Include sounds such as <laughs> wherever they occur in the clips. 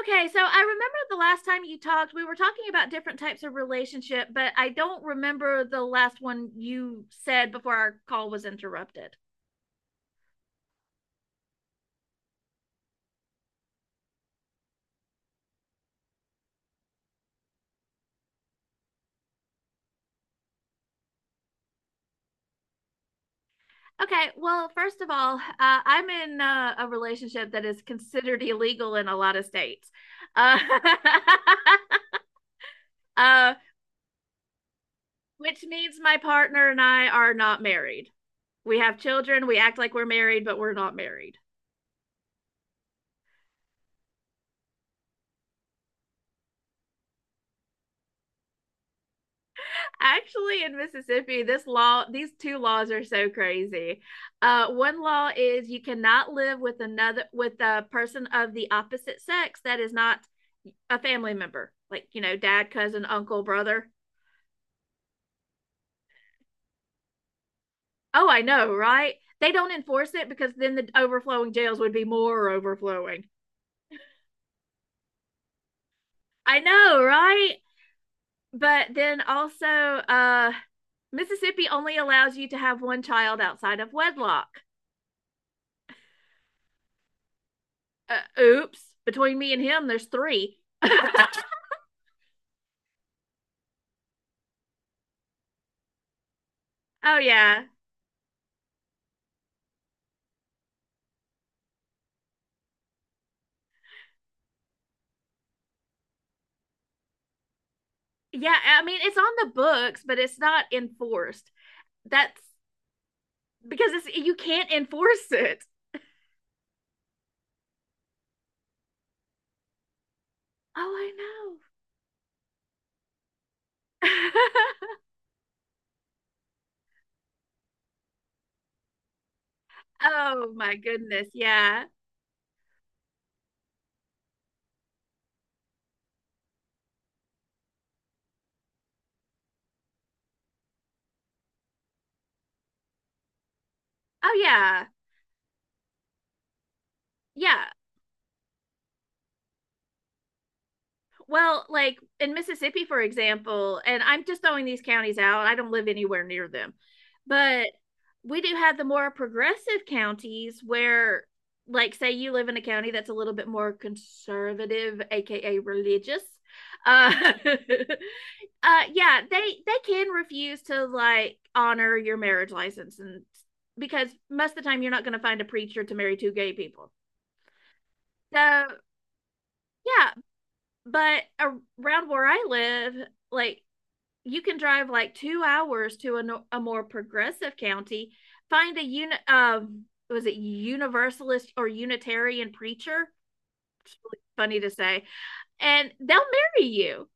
Okay, so I remember the last time you talked, we were talking about different types of relationship, but I don't remember the last one you said before our call was interrupted. Okay, well, first of all, I'm in a relationship that is considered illegal in a lot of states, uh, <laughs> uh, which means my partner and I are not married. We have children, we act like we're married, but we're not married. Actually, in Mississippi, this law, these two laws are so crazy. One law is you cannot live with another with a person of the opposite sex that is not a family member, like you know, dad, cousin, uncle, brother. Oh, I know, right? They don't enforce it because then the overflowing jails would be more overflowing. I know, right? But then also, Mississippi only allows you to have one child outside of wedlock. Oops, between me and him, there's three. <laughs> Oh, yeah. Yeah. I mean, it's on the books, but it's not enforced. That's you can't enforce it. Oh, I know. <laughs> Oh, my goodness. Yeah. Oh, yeah. Yeah. Well, like in Mississippi, for example, and I'm just throwing these counties out, I don't live anywhere near them, but we do have the more progressive counties where, like, say you live in a county that's a little bit more conservative, aka religious. uh, <laughs> yeah, they can refuse to like honor your marriage license, and because most of the time you're not going to find a preacher to marry two gay people. So, yeah, but around where I live, like, you can drive like 2 hours to a, a more progressive county, find a was it Universalist or Unitarian preacher? It's really funny to say, and they'll marry you.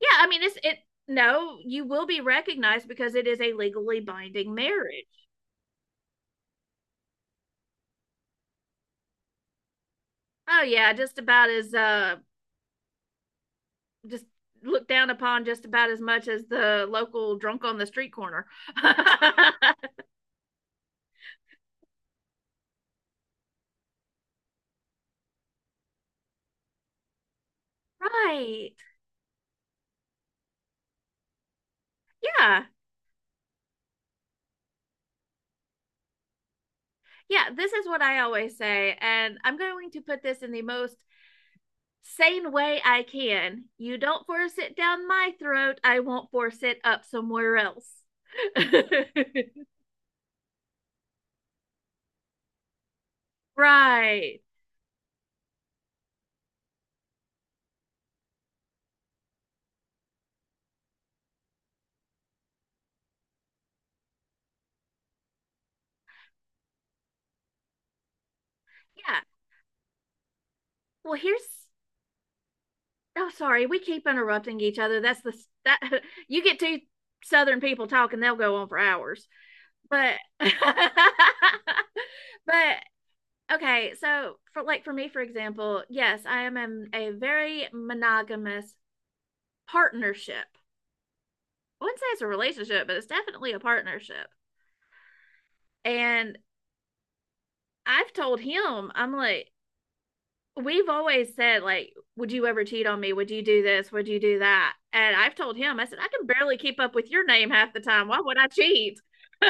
Yeah, I mean, it's it. No, you will be recognized because it is a legally binding marriage. Oh yeah, just about as just looked down upon just about as much as the local drunk on the street corner. <laughs> Right? Yeah. Yeah, this is what I always say, and I'm going to put this in the most sane way I can. You don't force it down my throat, I won't force it up somewhere else. <laughs> Right. Yeah. Well, here's— oh, sorry. We keep interrupting each other. That's the that <laughs> you get two southern people talking, they'll go on for hours. But <laughs> but okay, so for me, for example, yes, I am a very monogamous partnership. I wouldn't say it's a relationship, but it's definitely a partnership. And I've told him, I'm like, we've always said, like, would you ever cheat on me? Would you do this? Would you do that? And I've told him, I said, I can barely keep up with your name half the time. Why would I cheat? <laughs>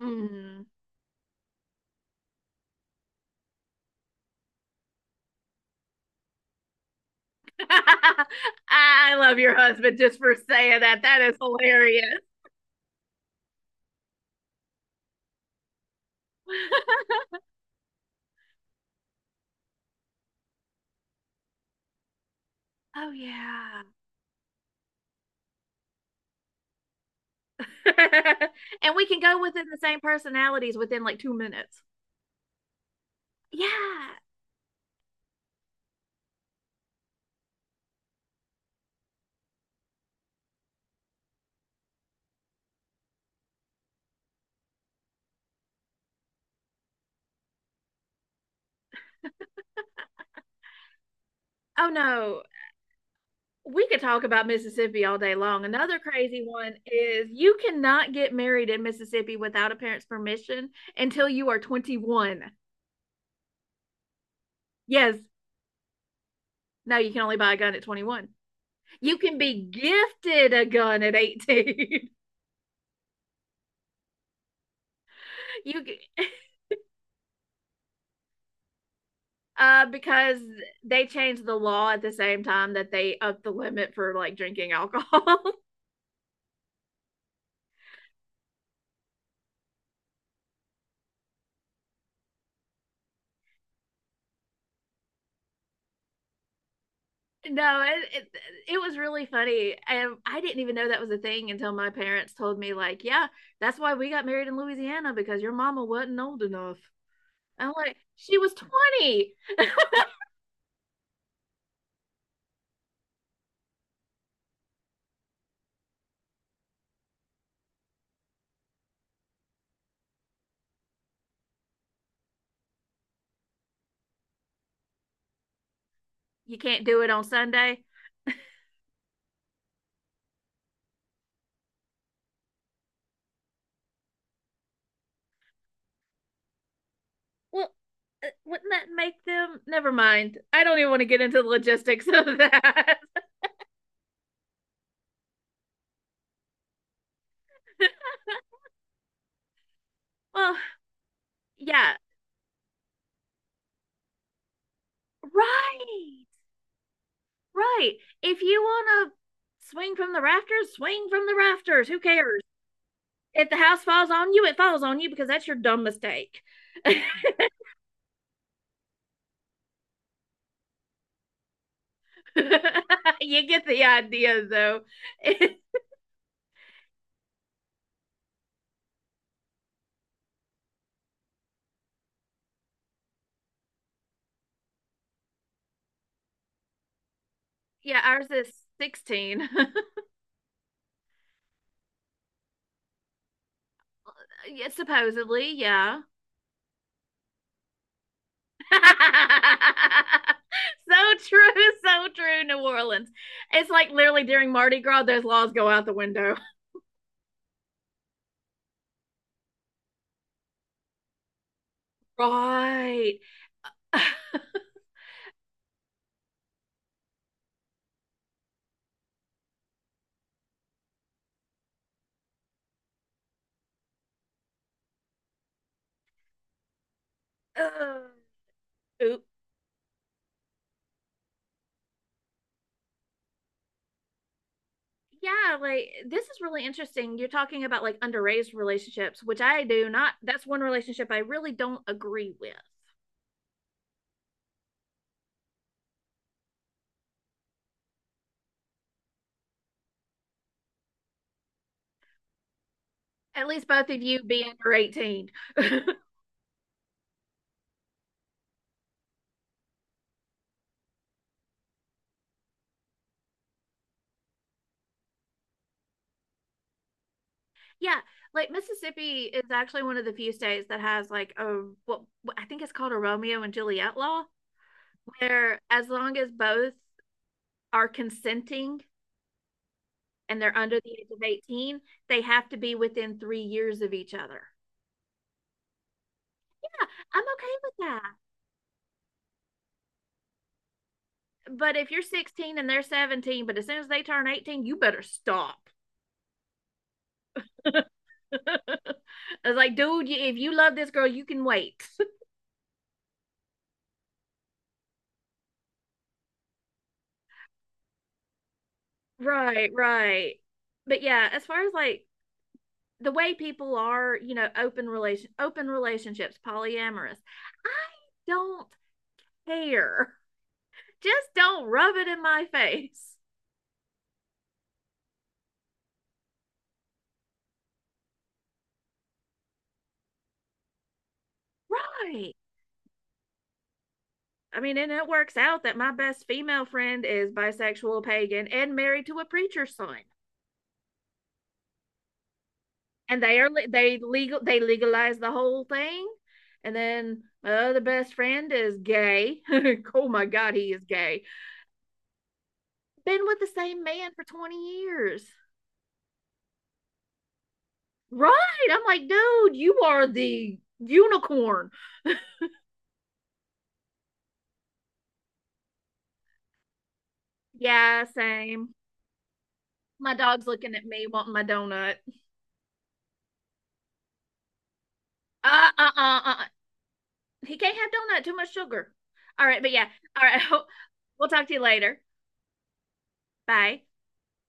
Mm. <laughs> I love your husband just for saying that. That is hilarious. <laughs> Oh, yeah. <laughs> And we can go within the same personalities within like 2 minutes. Yeah. Oh, no. We could talk about Mississippi all day long. Another crazy one is you cannot get married in Mississippi without a parent's permission until you are 21. Yes, no, you can only buy a gun at 21. You can be gifted a gun at 18. <laughs> you because they changed the law at the same time that they upped the limit for like drinking alcohol. <laughs> No, it was really funny. And I didn't even know that was a thing until my parents told me, like, yeah, that's why we got married in Louisiana because your mama wasn't old enough. I'm like, she was 20. You can't do it on Sunday. Well, wouldn't that make them? Never mind. I don't even want to get into the logistics of that. <laughs> Well, yeah, right, right. If you want to swing from the rafters, swing from the rafters. Who cares? If the house falls on you, it falls on you because that's your dumb mistake. <laughs> You get the idea, though. <laughs> It, yeah, ours is 16. <laughs> Yeah, supposedly, yeah. <laughs> So true, so true, New Orleans. It's like literally during Mardi Gras, those laws go out the window. <laughs> Right. <sighs> Oops. Yeah, like, this is really interesting. You're talking about like underage relationships, which I do not— that's one relationship I really don't agree with. At least both of you be under 18. <laughs> Yeah, like, Mississippi is actually one of the few states that has like a I think it's called a Romeo and Juliet law, where as long as both are consenting and they're under the age of 18, they have to be within 3 years of each other. Yeah, I'm okay with— but if you're 16 and they're 17, but as soon as they turn 18, you better stop. <laughs> It's like, dude, if you love this girl, you can wait. <laughs> Right, right. But yeah, as far as like the way people are, you know, open relationships, polyamorous, I don't care. <laughs> Just don't rub it in my face. Right. I mean, and it works out that my best female friend is bisexual, pagan, and married to a preacher's son. And they are— they legal— they legalize the whole thing. And then my other best friend is gay. <laughs> Oh my god, he is gay. Been with the same man for 20 years. Right, I'm like, dude, you are the unicorn. Yeah, same. My dog's looking at me wanting my donut. uh uh uh, uh. He can't have donut, too much sugar. All right, but yeah. All right. <laughs> We'll talk to you later. Bye.